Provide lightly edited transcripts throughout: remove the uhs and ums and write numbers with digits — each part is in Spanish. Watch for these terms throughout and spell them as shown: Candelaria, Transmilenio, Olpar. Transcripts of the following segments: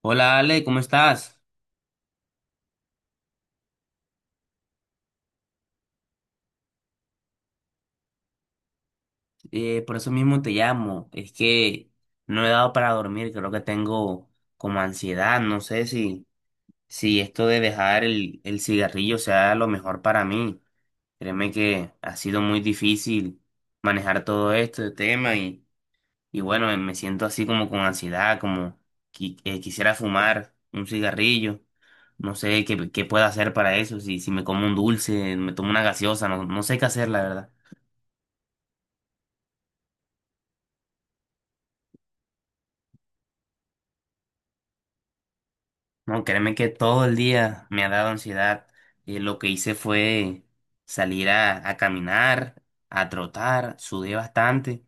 Hola Ale, ¿cómo estás? Por eso mismo te llamo. Es que no he dado para dormir, creo que tengo como ansiedad. No sé si esto de dejar el cigarrillo sea lo mejor para mí. Créeme que ha sido muy difícil manejar todo este tema y bueno, me siento así como con ansiedad, como quisiera fumar un cigarrillo. No sé qué puedo hacer para eso, si me como un dulce, me tomo una gaseosa, no sé qué hacer, la verdad. No, créeme que todo el día me ha dado ansiedad. Lo que hice fue salir a caminar, a trotar, sudé bastante,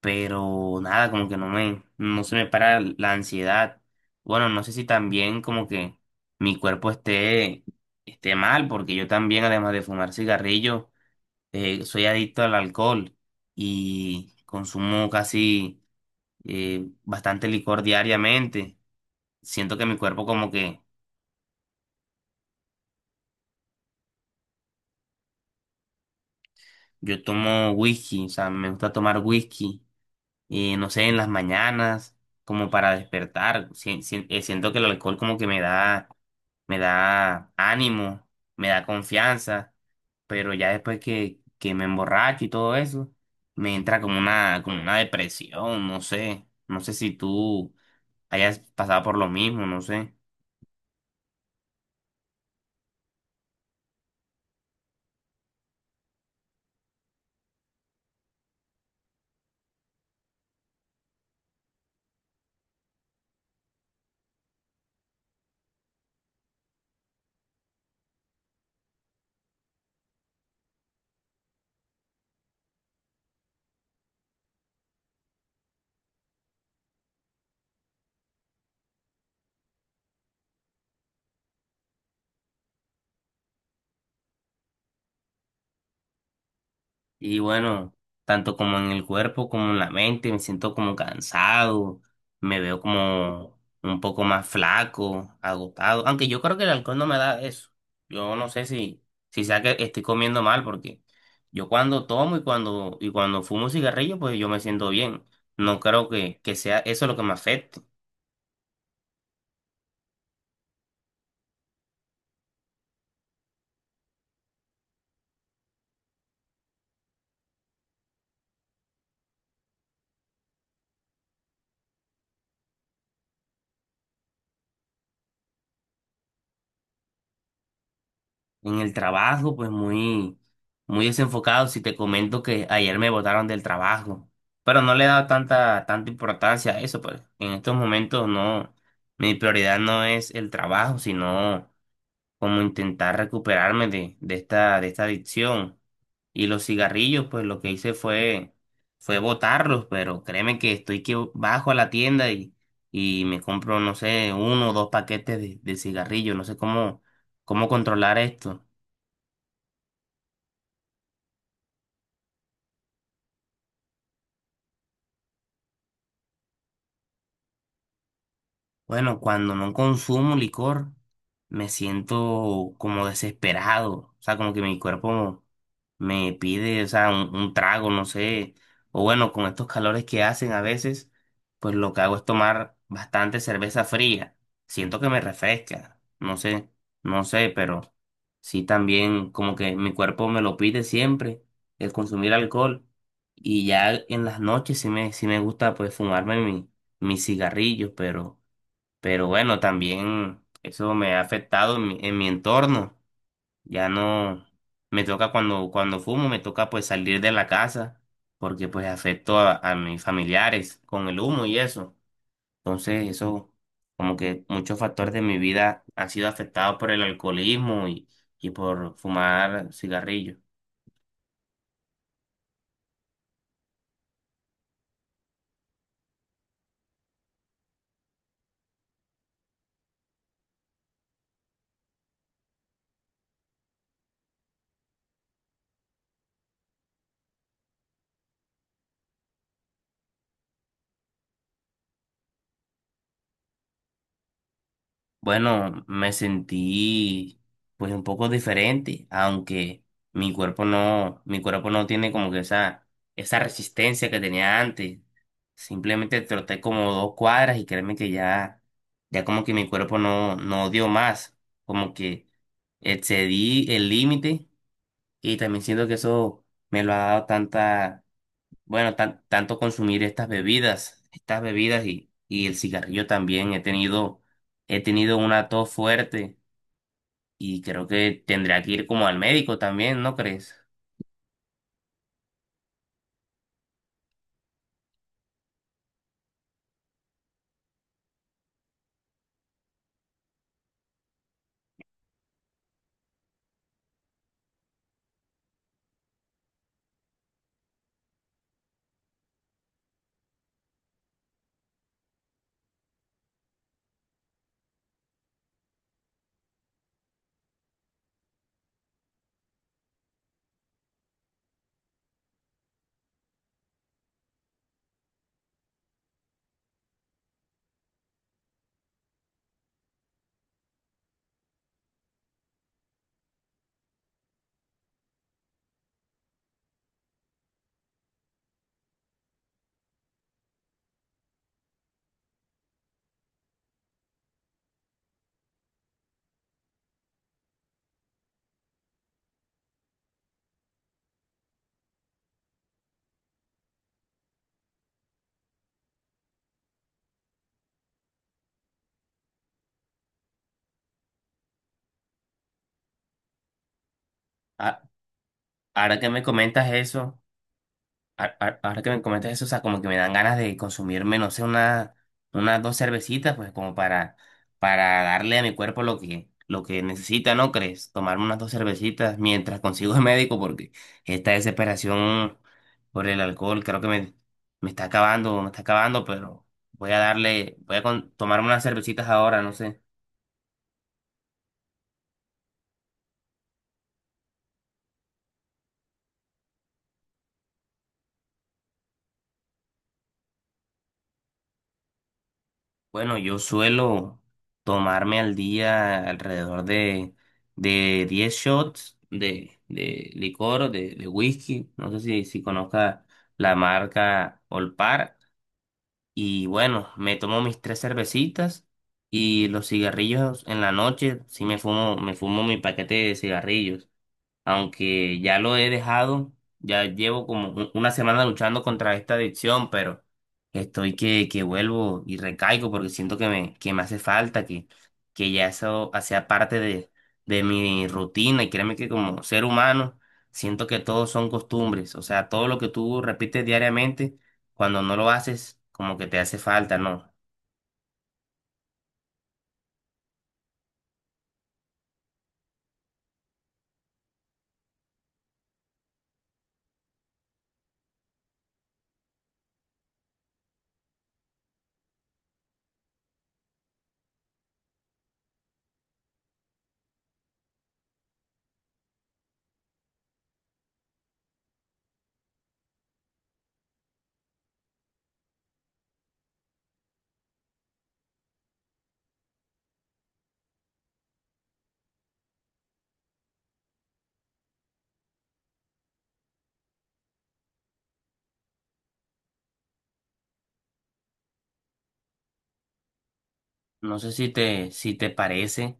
pero nada, como que no no se me para la ansiedad. Bueno, no sé si también como que mi cuerpo esté mal, porque yo también, además de fumar cigarrillo, soy adicto al alcohol y consumo casi bastante licor diariamente. Siento que mi cuerpo como que. Yo tomo whisky, o sea, me gusta tomar whisky, no sé, en las mañanas, como para despertar. Siento que el alcohol como que me me da ánimo, me da confianza, pero ya después que me emborracho y todo eso, me entra como como una depresión, no sé. No sé si tú hayas pasado por lo mismo, no sé. Y bueno, tanto como en el cuerpo como en la mente, me siento como cansado, me veo como un poco más flaco, agotado. Aunque yo creo que el alcohol no me da eso. Yo no sé si sea que estoy comiendo mal, porque yo cuando tomo y y cuando fumo cigarrillo, pues yo me siento bien. No creo que sea eso lo que me afecte. En el trabajo, pues muy desenfocado. Si te comento que ayer me botaron del trabajo, pero no le he dado tanta importancia a eso, pues en estos momentos no, mi prioridad no es el trabajo, sino como intentar recuperarme de esta adicción. Y los cigarrillos, pues lo que hice fue botarlos, pero créeme que estoy que bajo a la tienda y me compro, no sé, uno o dos paquetes de cigarrillos, no sé cómo controlar esto. Bueno, cuando no consumo licor, me siento como desesperado. O sea, como que mi cuerpo me pide, o sea, un trago, no sé. O bueno, con estos calores que hacen a veces, pues lo que hago es tomar bastante cerveza fría. Siento que me refresca. No sé, no sé, pero sí también como que mi cuerpo me lo pide siempre, el consumir alcohol. Y ya en las noches sí sí me gusta pues fumarme mis cigarrillos, pero. Pero bueno, también eso me ha afectado en en mi entorno. Ya no me toca cuando, cuando fumo, me toca pues salir de la casa porque pues afecto a mis familiares con el humo y eso. Entonces eso, como que muchos factores de mi vida han sido afectados por el alcoholismo y por fumar cigarrillos. Bueno, me sentí pues un poco diferente, aunque mi cuerpo no tiene como que esa resistencia que tenía antes. Simplemente troté como dos cuadras y créeme que ya, ya como que mi cuerpo no, no dio más, como que excedí el límite y también siento que eso me lo ha dado tanta bueno, tanto consumir estas bebidas y el cigarrillo también. He tenido una tos fuerte y creo que tendría que ir como al médico también, ¿no crees? A- Ahora que me comentas eso. Ahora que me comentas eso, o sea, como que me dan ganas de consumirme, no sé, unas dos cervecitas, pues como para darle a mi cuerpo lo lo que necesita, ¿no crees? Tomarme unas dos cervecitas mientras consigo el médico, porque esta desesperación por el alcohol creo que me, me está acabando, pero voy a darle, tomarme unas cervecitas ahora, no sé. Bueno, yo suelo tomarme al día alrededor de 10 shots de licor, de whisky. No sé si conozca la marca Olpar. Y bueno, me tomo mis 3 cervecitas y los cigarrillos en la noche. Sí me fumo mi paquete de cigarrillos aunque ya lo he dejado, ya llevo como una semana luchando contra esta adicción, pero estoy que vuelvo y recaigo porque siento que que me hace falta, que ya eso hacía parte de mi rutina y créeme que como ser humano siento que todos son costumbres, o sea, todo lo que tú repites diariamente, cuando no lo haces, como que te hace falta, ¿no? No sé si si te parece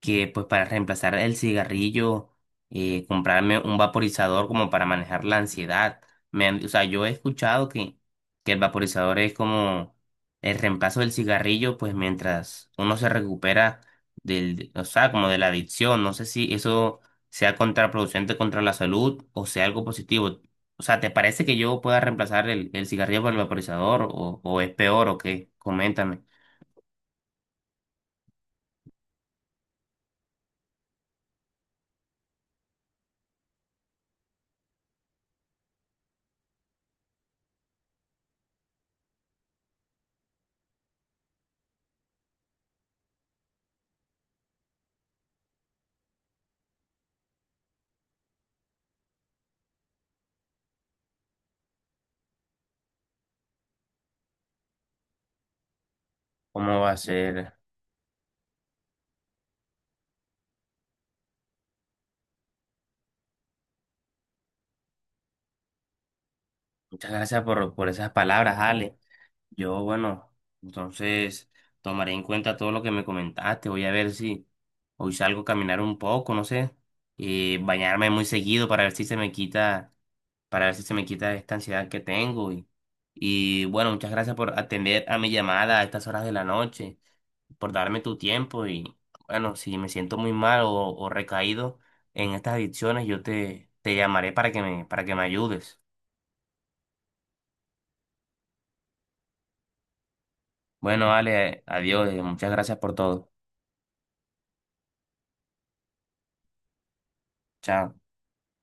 que pues para reemplazar el cigarrillo, comprarme un vaporizador como para manejar la ansiedad. Me han, o sea, yo he escuchado que el vaporizador es como el reemplazo del cigarrillo, pues mientras uno se recupera del, o sea, como de la adicción. No sé si eso sea contraproducente contra la salud o sea algo positivo. O sea, ¿te parece que yo pueda reemplazar el cigarrillo por el vaporizador o es peor o qué? Coméntame. ¿Cómo va a ser? Muchas gracias por esas palabras, Ale. Yo, bueno, entonces tomaré en cuenta todo lo que me comentaste. Voy a ver si hoy salgo a caminar un poco, no sé, bañarme muy seguido para ver si se me quita, para ver si se me quita esta ansiedad que tengo. Y bueno, muchas gracias por atender a mi llamada a estas horas de la noche, por darme tu tiempo. Y bueno, si me siento muy mal o recaído en estas adicciones, yo te llamaré para que para que me ayudes. Bueno, Ale, adiós, muchas gracias por todo. Chao.